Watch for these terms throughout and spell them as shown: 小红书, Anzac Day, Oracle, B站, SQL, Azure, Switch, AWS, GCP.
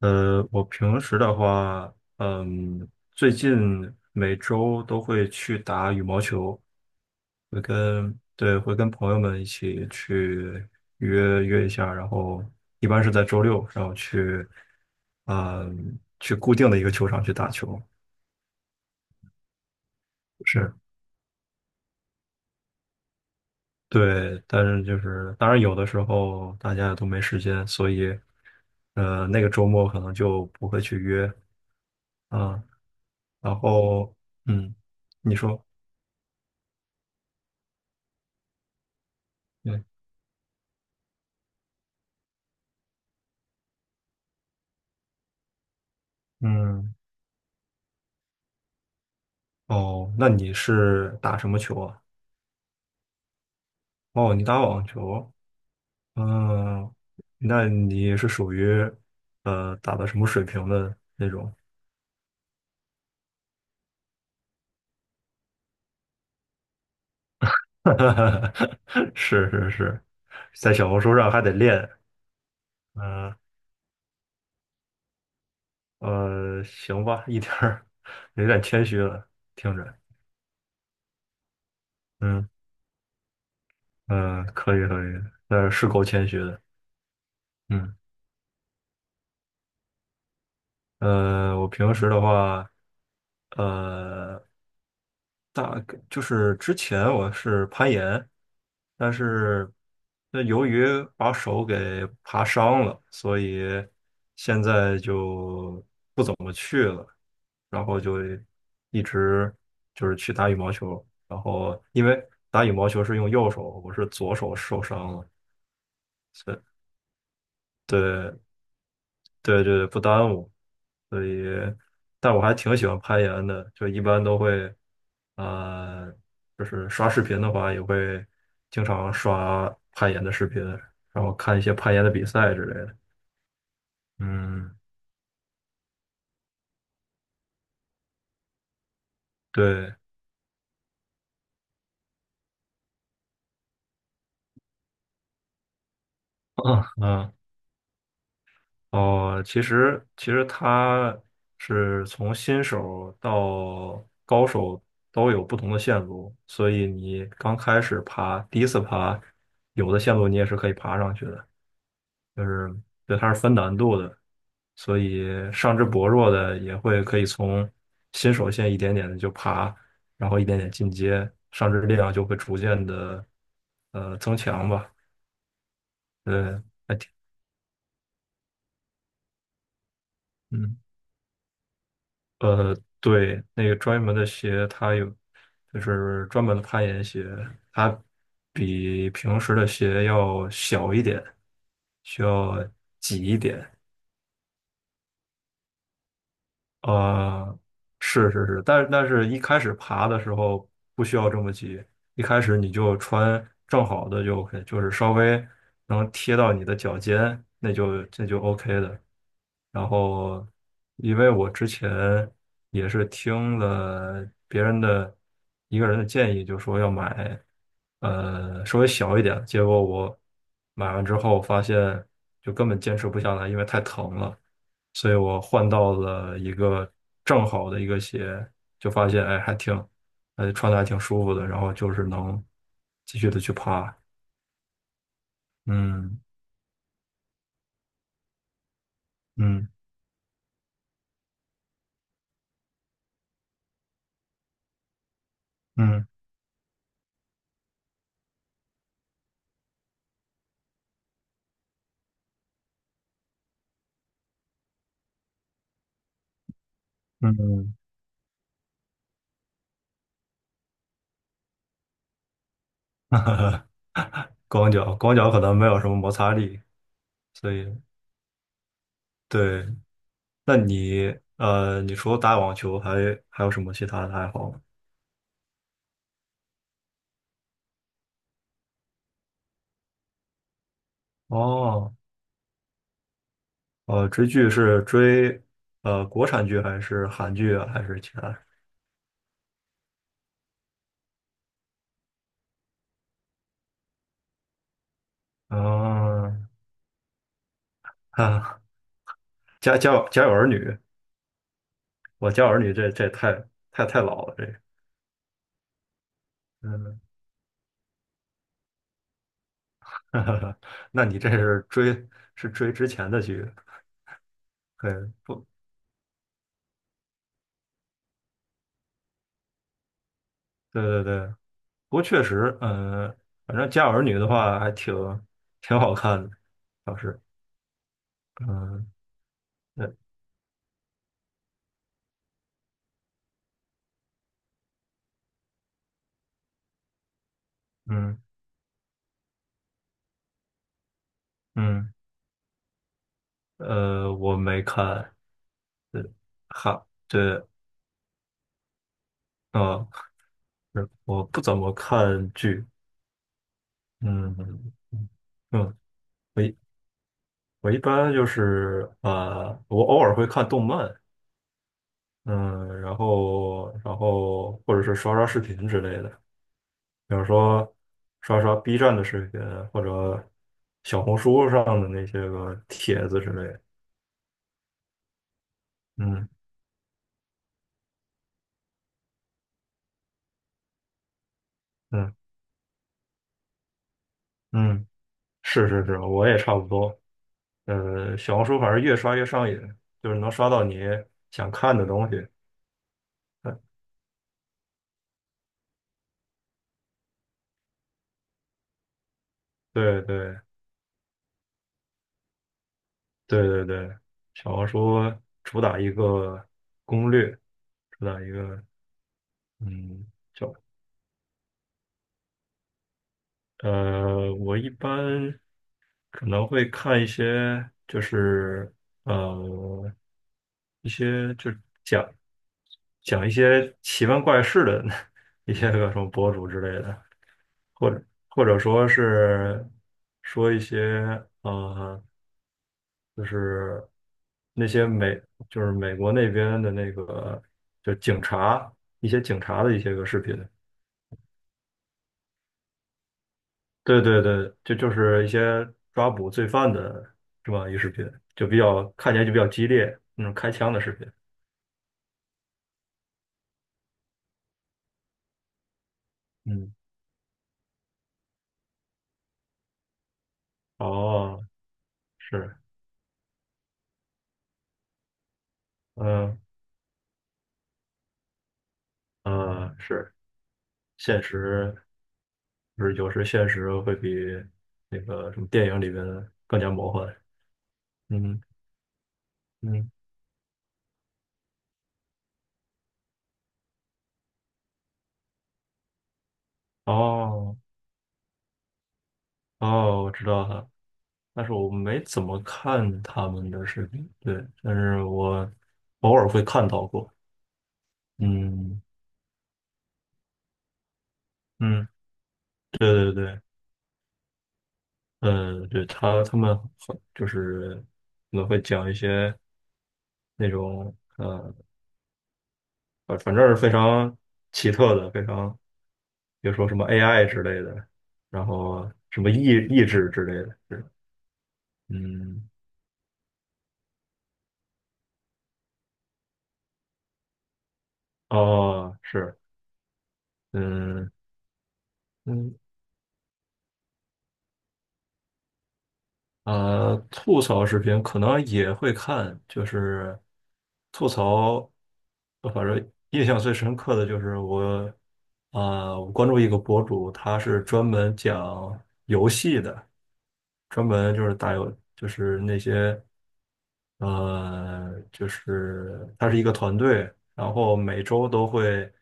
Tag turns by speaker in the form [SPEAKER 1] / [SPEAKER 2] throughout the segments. [SPEAKER 1] 我平时的话，嗯，最近每周都会去打羽毛球，对，会跟朋友们一起去约约一下，然后一般是在周六，然后去固定的一个球场去打球。是，对，但是就是当然有的时候大家都没时间，所以，那个周末可能就不会去约啊，然后，嗯，你说。对，嗯，哦，那你是打什么球啊？哦，你打网球，嗯，那你是属于打的什么水平的那种？是是是，在小红书上还得练，嗯行吧，一点儿有点谦虚了，听着，嗯嗯，可以可以，是够谦虚的，嗯。我平时的话，呃，大概就是之前我是攀岩，但是那由于把手给爬伤了，所以现在就不怎么去了，然后就一直就是去打羽毛球，然后因为打羽毛球是用右手，我是左手受伤了，所以对，对对对，不耽误，所以，但我还挺喜欢攀岩的，就一般都会，呃，就是刷视频的话，也会经常刷攀岩的视频，然后看一些攀岩的比赛之类的。嗯，对，嗯嗯，哦，其实它是从新手到高手都有不同的线路，所以你刚开始爬，第一次爬，有的线路你也是可以爬上去的。就是对它是分难度的，所以上肢薄弱的也会可以从新手线一点点的就爬，然后一点点进阶，上肢力量就会逐渐的增强吧。还挺嗯呃对，那个专门的鞋它有就是专门的攀岩鞋，它比平时的鞋要小一点，需要挤一点。呃，是是是，但是一开始爬的时候不需要这么急，一开始你就穿正好的就 OK，就是稍微能贴到你的脚尖，那就这就 OK 的。然后，因为我之前也是听了别人的一个人的建议，就说要买稍微小一点，结果我买完之后发现就根本坚持不下来，因为太疼了。所以我换到了一个正好的一个鞋，就发现哎穿的还挺舒服的，然后就是能继续的去爬，嗯嗯嗯嗯，哈哈光脚光脚可能没有什么摩擦力，所以对，你除了打网球还有什么其他的爱好吗？哦，追剧是追国产剧还是韩剧啊，还是其他？嗯，啊，家有儿女我教儿女这太太太老了，这个嗯，那你这是追之前的剧，对不？对对对，不过确实，嗯，反正《家有儿女》的话还挺好看的，倒是，嗯，对，嗯嗯，我没看，对，哈，对，啊、是我不怎么看剧，嗯嗯，我一我一般就是啊，我偶尔会看动漫，嗯，然后或者是刷刷视频之类的，比如说刷刷 B 站的视频，或者小红书上的那些个帖子之类的。嗯嗯嗯，是是是，我也差不多。小红书反正越刷越上瘾，就是能刷到你想看的东西。嗯，对对对对对，小红书主打一个攻略，主打一个嗯。叫我一般可能会看一些，就是呃，一些就讲一些奇闻怪事的 一些个什么博主之类的，或者或者说是说一些就是那些美就是美国那边的那个就警察一些警察的一些个视频，对对对，这就是一些抓捕罪犯的是吧？一视频就比较看起来就比较激烈，那种开枪的视频。嗯，哦，是，嗯，是，现实就是有时现实会比那个什么电影里边更加魔幻。嗯嗯，哦哦，我知道了，但是我没怎么看他们的视频，对，但是我偶尔会看到过。嗯嗯，对对对。嗯，对，他们很就是可能会讲一些那种反正是非常奇特的，非常比如说什么 AI 之类的，然后什么意志之类的，是嗯，哦，是，嗯嗯，吐槽视频可能也会看，就是吐槽，反正印象最深刻的就是我，啊、我关注一个博主，他是专门讲游戏的，专门就是就是那些，就是他是一个团队，然后每周都会，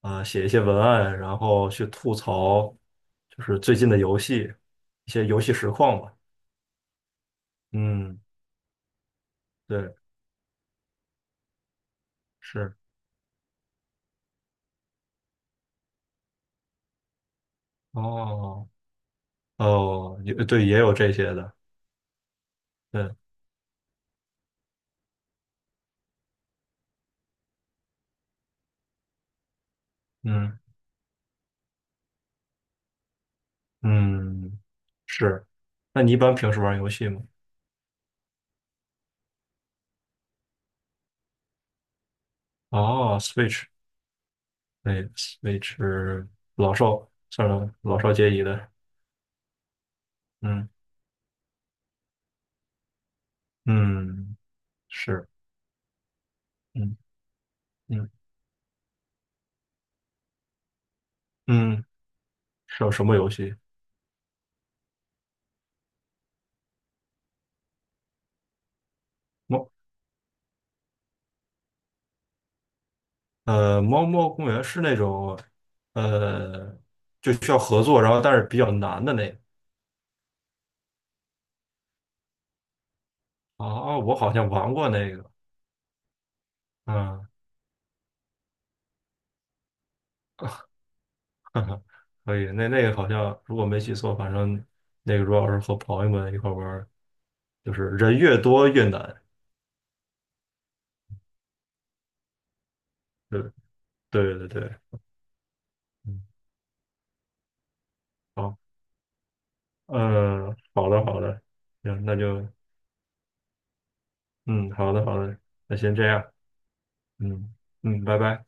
[SPEAKER 1] 啊、写一些文案，然后去吐槽，就是最近的游戏，一些游戏实况吧。嗯，对，是，哦，哦，也对，也有这些的，对，嗯嗯，是。那你一般平时玩游戏吗？哦，Switch，对，Switch 是老少皆宜的，嗯嗯，是，嗯嗯嗯，是有什么游戏？猫猫猫公园是那种呃，就需要合作，然后但是比较难的那个。哦，我好像玩过那个，嗯。哈哈，可以，那个好像如果没记错，反正那个如果要是和朋友们一块儿玩儿就是人越多越难。对对对对，嗯，好，嗯，好的好的，行，那就嗯，好的好的，那先这样，嗯嗯，拜拜。